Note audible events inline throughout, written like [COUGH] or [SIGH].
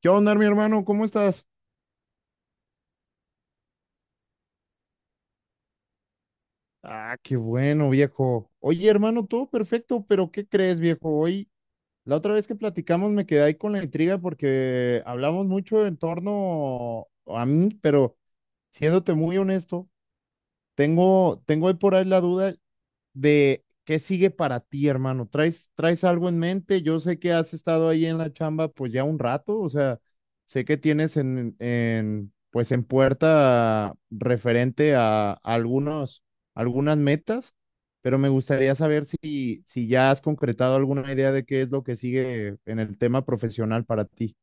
¿Qué onda, mi hermano? ¿Cómo estás? Ah, qué bueno, viejo. Oye, hermano, todo perfecto, pero ¿qué crees, viejo? La otra vez que platicamos me quedé ahí con la intriga porque hablamos mucho en torno a mí, pero siéndote muy honesto, tengo ahí por ahí la duda de qué sigue para ti, hermano. ¿Traes algo en mente? Yo sé que has estado ahí en la chamba pues ya un rato, o sea, sé que tienes en pues en puerta referente a, algunos, algunas metas, pero me gustaría saber si ya has concretado alguna idea de qué es lo que sigue en el tema profesional para ti.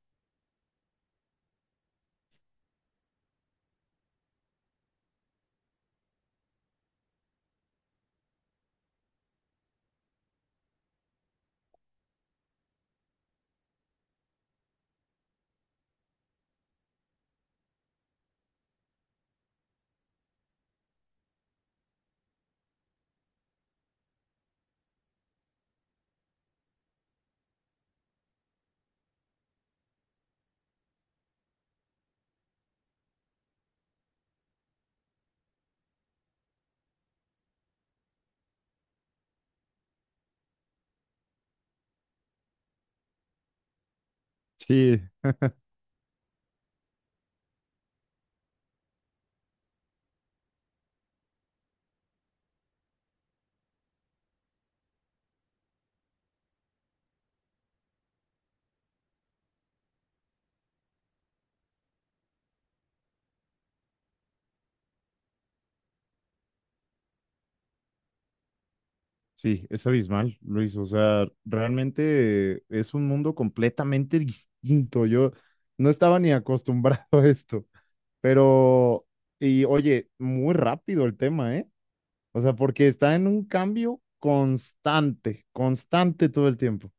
Sí. Sí, es abismal, Luis. O sea, realmente es un mundo completamente distinto. Yo no estaba ni acostumbrado a esto, pero, y oye, muy rápido el tema, ¿eh? O sea, porque está en un cambio constante, constante todo el tiempo.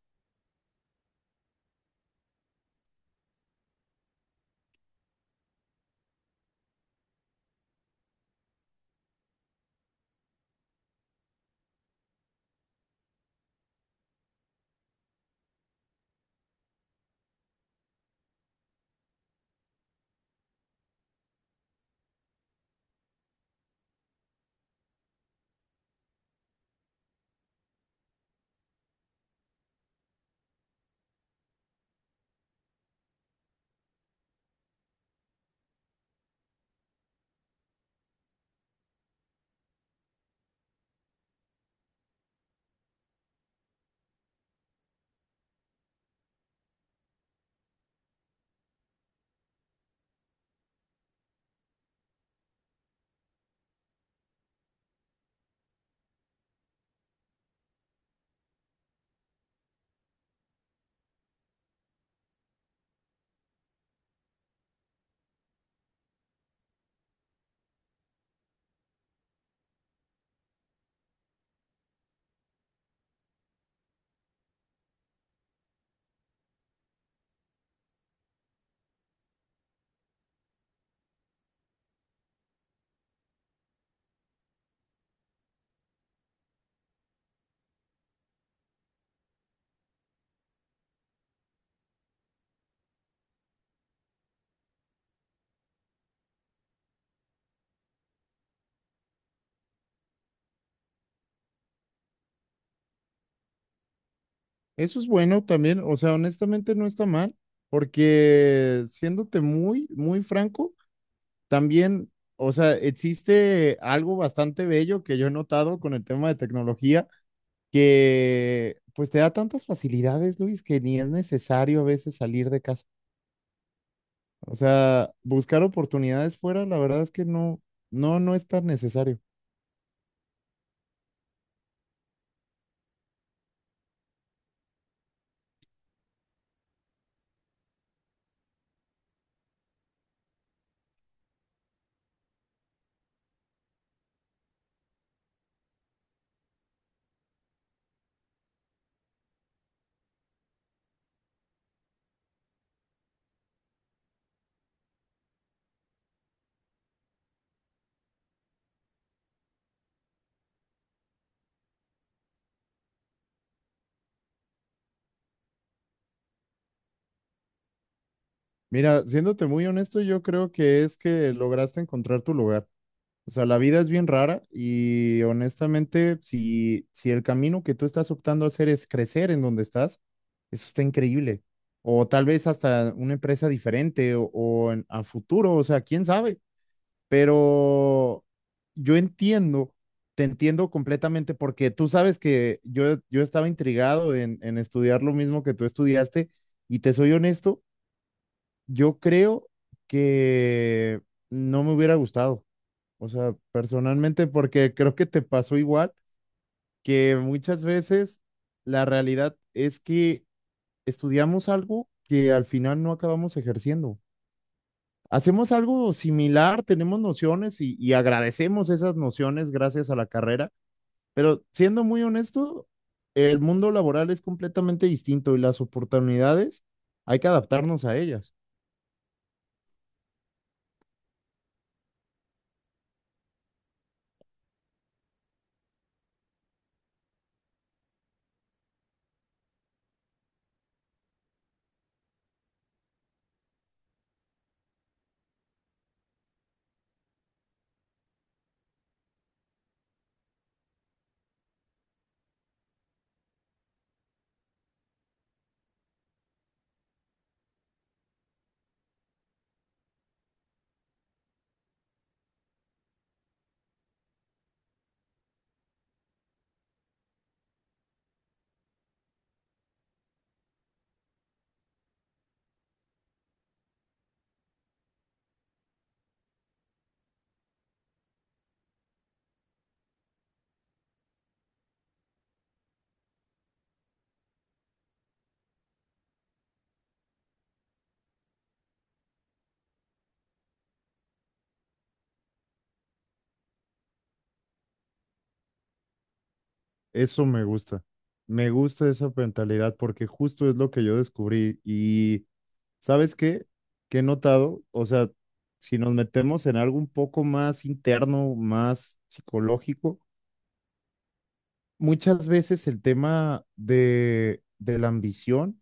Eso es bueno también, o sea, honestamente no está mal, porque siéndote muy, muy franco, también, o sea, existe algo bastante bello que yo he notado con el tema de tecnología que pues te da tantas facilidades, Luis, que ni es necesario a veces salir de casa. O sea, buscar oportunidades fuera, la verdad es que no, no, no es tan necesario. Mira, siéndote muy honesto, yo creo que es que lograste encontrar tu lugar. O sea, la vida es bien rara y honestamente, si el camino que tú estás optando a hacer es crecer en donde estás, eso está increíble. O tal vez hasta una empresa diferente o, a futuro, o sea, quién sabe. Pero yo entiendo, te entiendo completamente porque tú sabes que yo estaba intrigado en estudiar lo mismo que tú estudiaste y te soy honesto, yo creo que no me hubiera gustado, o sea, personalmente porque creo que te pasó igual, que muchas veces la realidad es que estudiamos algo que al final no acabamos ejerciendo, hacemos algo similar, tenemos nociones y agradecemos esas nociones gracias a la carrera, pero siendo muy honesto, el mundo laboral es completamente distinto y las oportunidades hay que adaptarnos a ellas. Eso me gusta. Me gusta esa mentalidad porque justo es lo que yo descubrí. Y ¿sabes qué? Que he notado, o sea, si nos metemos en algo un poco más interno, más psicológico, muchas veces el tema de la ambición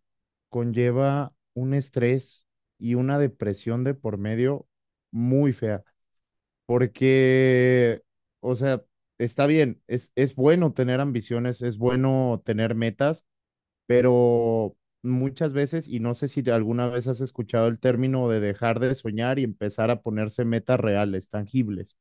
conlleva un estrés y una depresión de por medio muy fea, porque, o sea, está bien, es bueno tener ambiciones, es bueno tener metas, pero muchas veces, y no sé si alguna vez has escuchado el término de dejar de soñar y empezar a ponerse metas reales, tangibles.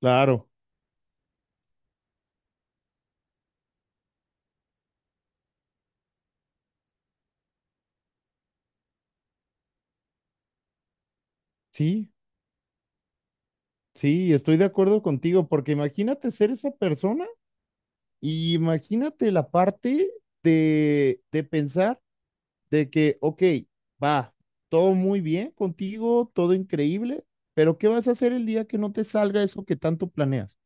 Claro. Sí, sí, estoy de acuerdo contigo, porque imagínate ser esa persona. Y imagínate la parte de pensar de que, ok, va, todo muy bien contigo, todo increíble, pero ¿qué vas a hacer el día que no te salga eso que tanto planeas?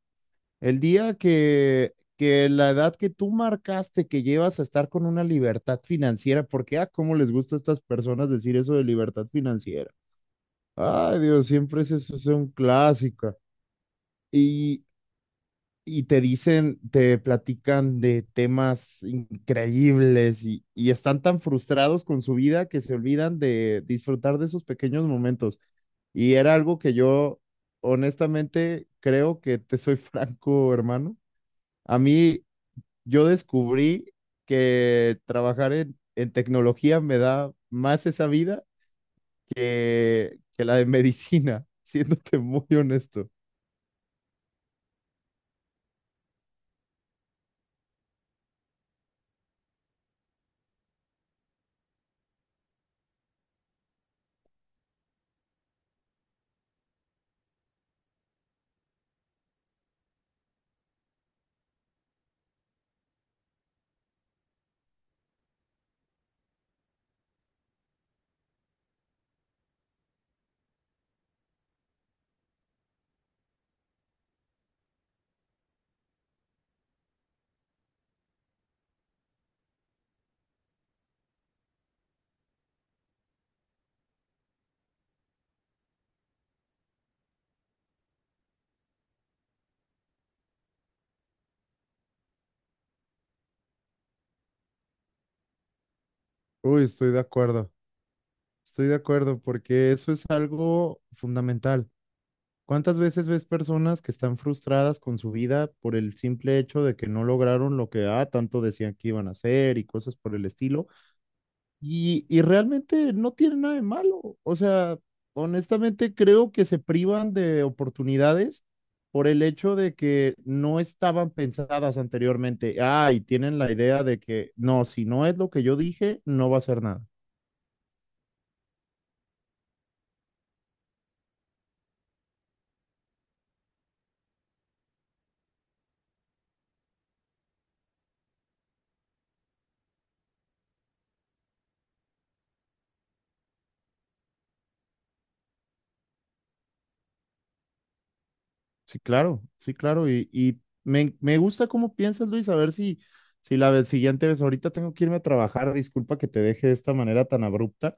El día que la edad que tú marcaste, que llevas a estar con una libertad financiera, porque, ah, cómo les gusta a estas personas decir eso de libertad financiera. Ay, Dios, siempre es eso, es un clásico. Y, y te dicen, te platican de temas increíbles y están tan frustrados con su vida que se olvidan de disfrutar de esos pequeños momentos. Y era algo que yo, honestamente, creo que te soy [LAUGHS] franco, hermano. A mí, yo descubrí que trabajar en tecnología me da más esa vida que la de medicina, [LAUGHS] siéndote muy honesto. Uy, estoy de acuerdo. Estoy de acuerdo, porque eso es algo fundamental. ¿Cuántas veces ves personas que están frustradas con su vida por el simple hecho de que no lograron lo que ah, tanto decían que iban a hacer y cosas por el estilo? Y realmente no tiene nada de malo. O sea, honestamente creo que se privan de oportunidades por el hecho de que no estaban pensadas anteriormente. Ah, y tienen la idea de que no, si no es lo que yo dije, no va a ser nada. Sí, claro, sí, claro. Y me, me gusta cómo piensas, Luis, a ver si la vez- siguiente vez, ahorita tengo que irme a trabajar, disculpa que te deje de esta manera tan abrupta,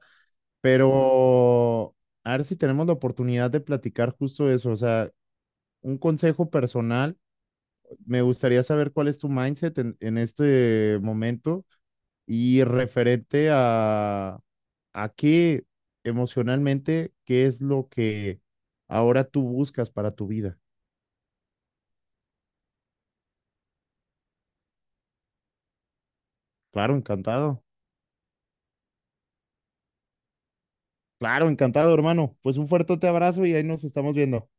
pero a ver si tenemos la oportunidad de platicar justo eso, o sea, un consejo personal, me gustaría saber cuál es tu mindset en este momento y referente a qué emocionalmente, qué es lo que ahora tú buscas para tu vida. Claro, encantado. Claro, encantado, hermano. Pues un fuerte abrazo y ahí nos estamos viendo.